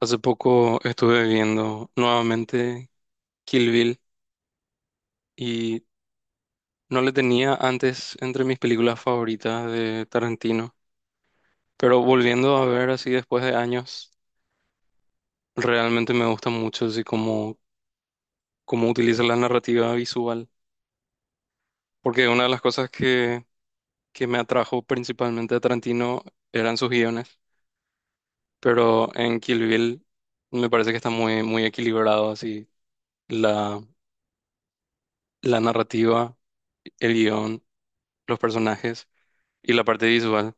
Hace poco estuve viendo nuevamente Kill Bill y no le tenía antes entre mis películas favoritas de Tarantino, pero volviendo a ver así después de años, realmente me gusta mucho así como cómo utiliza la narrativa visual, porque una de las cosas que me atrajo principalmente a Tarantino eran sus guiones, pero en Kill Bill me parece que está muy, muy equilibrado así la, la narrativa, el guión, los personajes. Y la parte visual.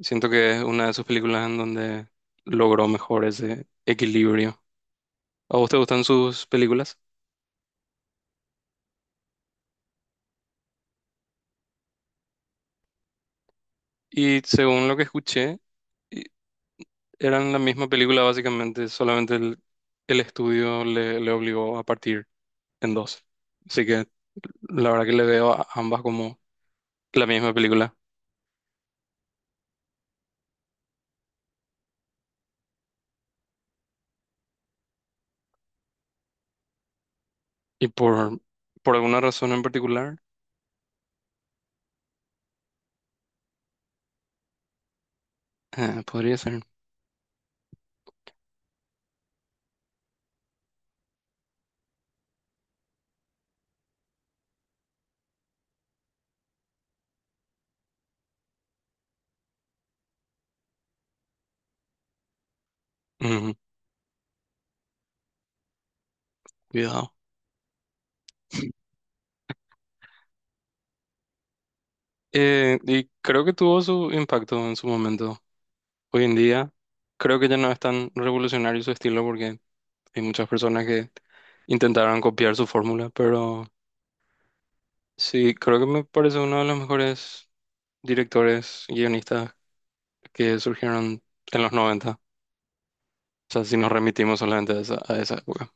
Siento que es una de sus películas en donde logró mejor ese equilibrio. ¿A vos te gustan sus películas? Y según lo que escuché, y- eran la misma película básicamente, solamente el estudio le obligó a partir en dos. Así que la verdad que le veo a ambas como la misma película. Y por, por alguna razón en particular, podría ser. Ujú, cuidado. Y creo que tuvo su impacto en su momento. Hoy en día creo que ya no es tan revolucionario su estilo porque hay muchas personas que intentaron copiar su fórmula, pero sí, creo que me parece uno de los mejores directores y guionistas que surgieron en los noventa. O sea, si nos remitimos solamente a esa época.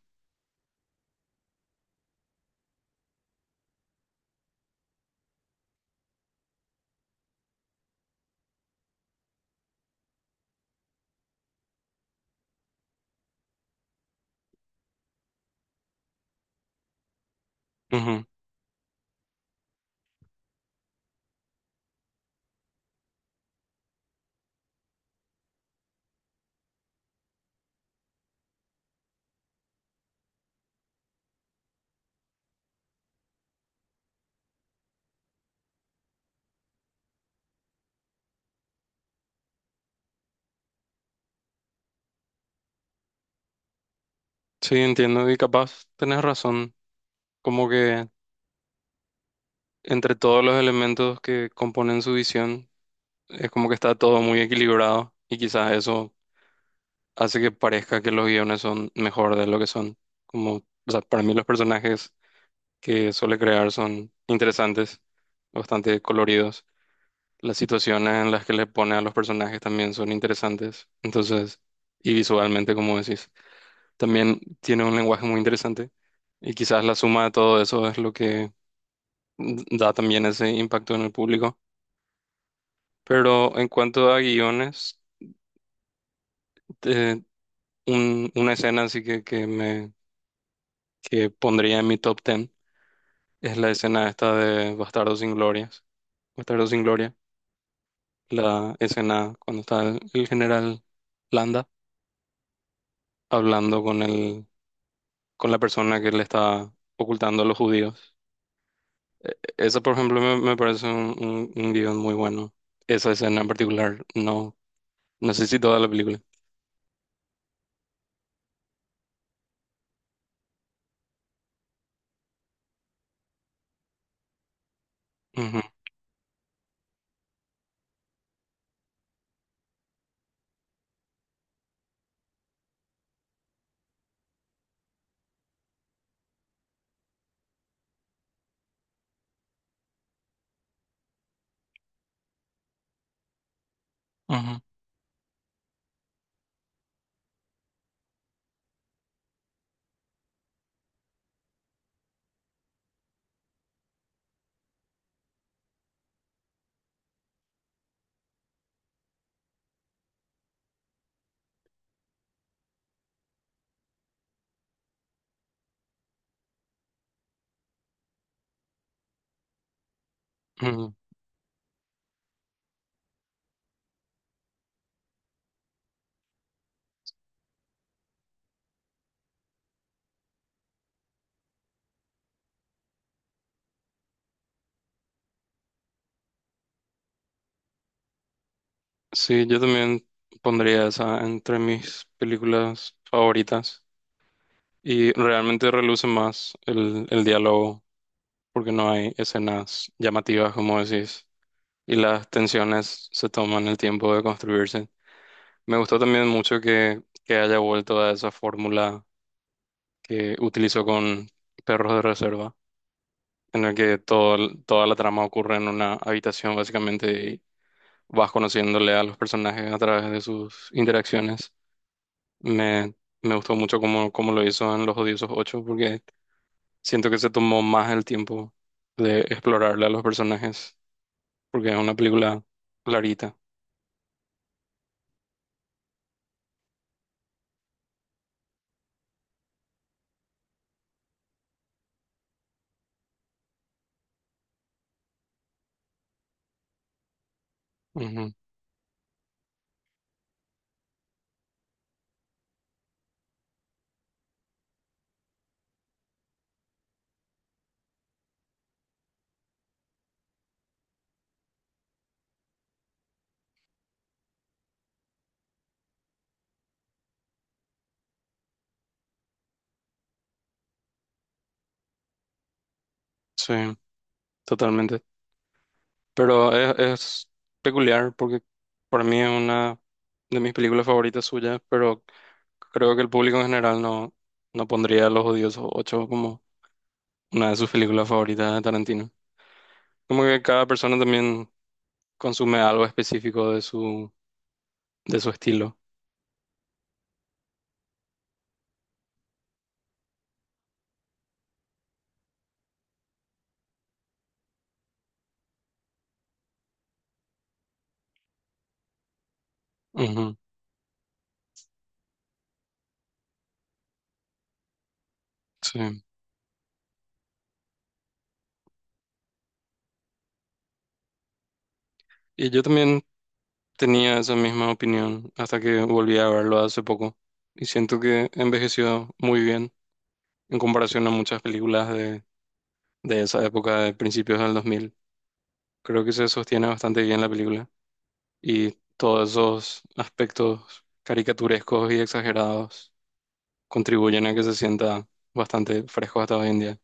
Sí, entiendo y capaz tenés razón, como que entre todos los elementos que componen su visión, es como que está todo muy equilibrado y quizás eso hace que parezca que los guiones son mejor de lo que son. Como, o sea, para mí los personajes que suele crear son interesantes, bastante coloridos. Las situaciones en las que le pone a los personajes también son interesantes. Entonces, y visualmente, como decís, también tiene un lenguaje muy interesante y quizás la suma de todo eso es lo que da también ese impacto en el público. Pero en cuanto a guiones, eh, una escena así que me que pondría en mi top ten es la escena esta de Bastardos sin Glorias. Bastardos sin Gloria, la escena cuando está el general Landa hablando con la persona que le está ocultando a los judíos. Esa, por ejemplo, me parece un guión muy bueno. Esa escena en particular, no, no sé si toda la película. Ujú, ujú, ujú. Sí, yo también pondría esa entre mis películas favoritas y realmente reluce más el diálogo porque no hay escenas llamativas, como decís, y las tensiones se toman el tiempo de construirse. Me gustó también mucho que haya vuelto a esa fórmula que utilizó con Perros de Reserva, en el que toda la trama ocurre en una habitación básicamente y vas conociéndole a los personajes a través de sus interacciones. Me, me gustó mucho cómo lo hizo en Los Odiosos ocho porque siento que se tomó más el tiempo de explorarle a los personajes, porque es una película clarita. Ujú. Sí, totalmente. Pero es peculiar, porque para mí es una de mis películas favoritas suyas, pero creo que el público en general no, no pondría Los Odiosos ocho como una de sus películas favoritas de Tarantino. Como que cada persona también consume algo específico de de su estilo. Sí. Y yo también tenía esa misma opinión hasta que volví a verlo hace poco. Y siento que envejeció muy bien en comparación a muchas películas de esa época, de principios del 2000. Creo que se sostiene bastante bien la película. Y todos esos aspectos caricaturescos y exagerados contribuyen a que se sienta bastante fresco hasta hoy en día.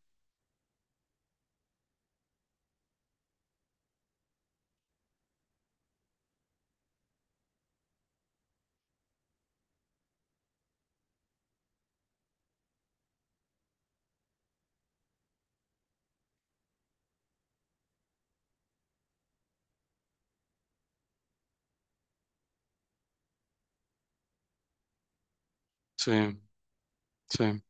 Sí, sí,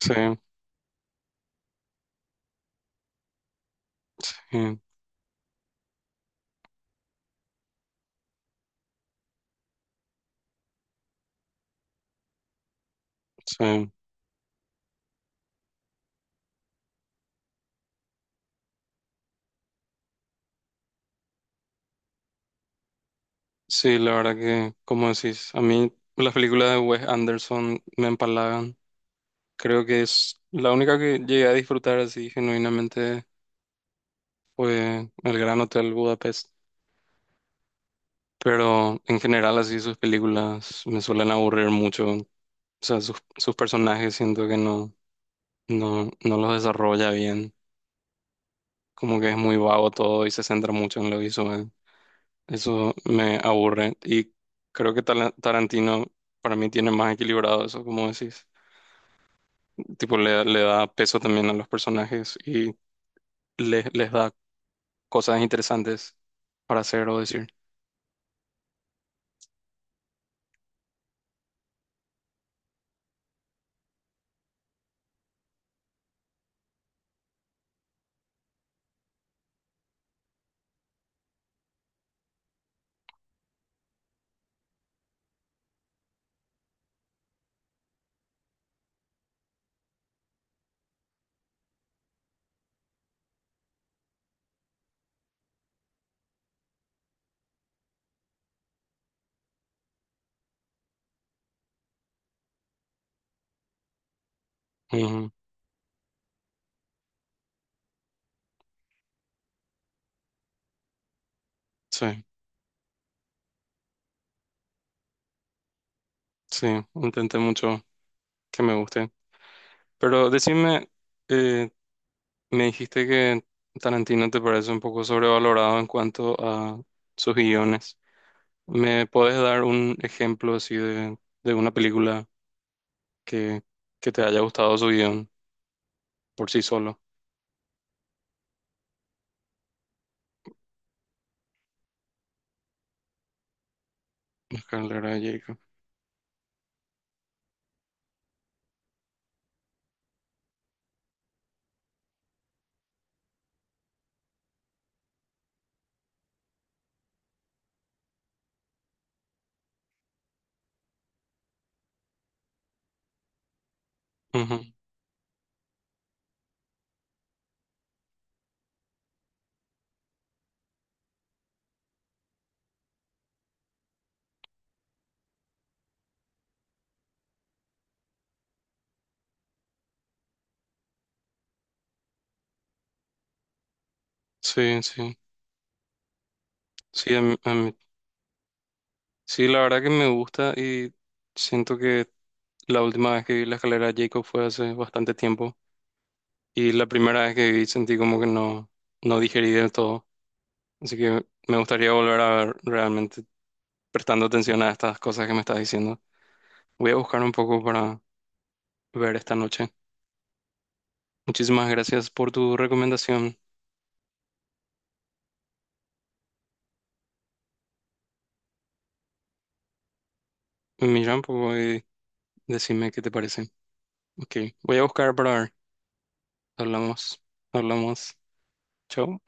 sí, sí, sí. Sí, la verdad que, como decís, a mí las películas de Wes Anderson me empalagan. Creo que es la única que llegué a disfrutar así genuinamente fue El Gran Hotel Budapest. Pero en general así sus películas me suelen aburrir mucho. O sea, sus personajes siento que no los desarrolla bien. Como que es muy vago todo y se centra mucho en lo visual. Eso me aburre. Y creo que Tarantino para mí tiene más equilibrado eso, como decís. Tipo, le da peso también a los personajes y les da cosas interesantes para hacer o decir. Ujú. Sí, sí, intenté mucho que me guste. Pero decime, eh, me dijiste que Tarantino te parece un poco sobrevalorado en cuanto a sus guiones. ¿Me puedes dar un ejemplo así de una película que, que te haya gustado su guión por sí solo? Escalera de Jacob. Ujú. Sí, sí. Sí, a mí, sí, la verdad que me gusta y siento que la última vez que vi la escalera de Jacob fue hace bastante tiempo y la primera vez que vi sentí como que no, no digerí del todo. Así que me gustaría volver a ver realmente prestando atención a estas cosas que me estás diciendo. Voy a buscar un poco para ver esta noche. Muchísimas gracias por tu recomendación. Mira un poco y decime qué te parece. Ok, voy a buscar para ver. Hablamos, hablamos. Chao.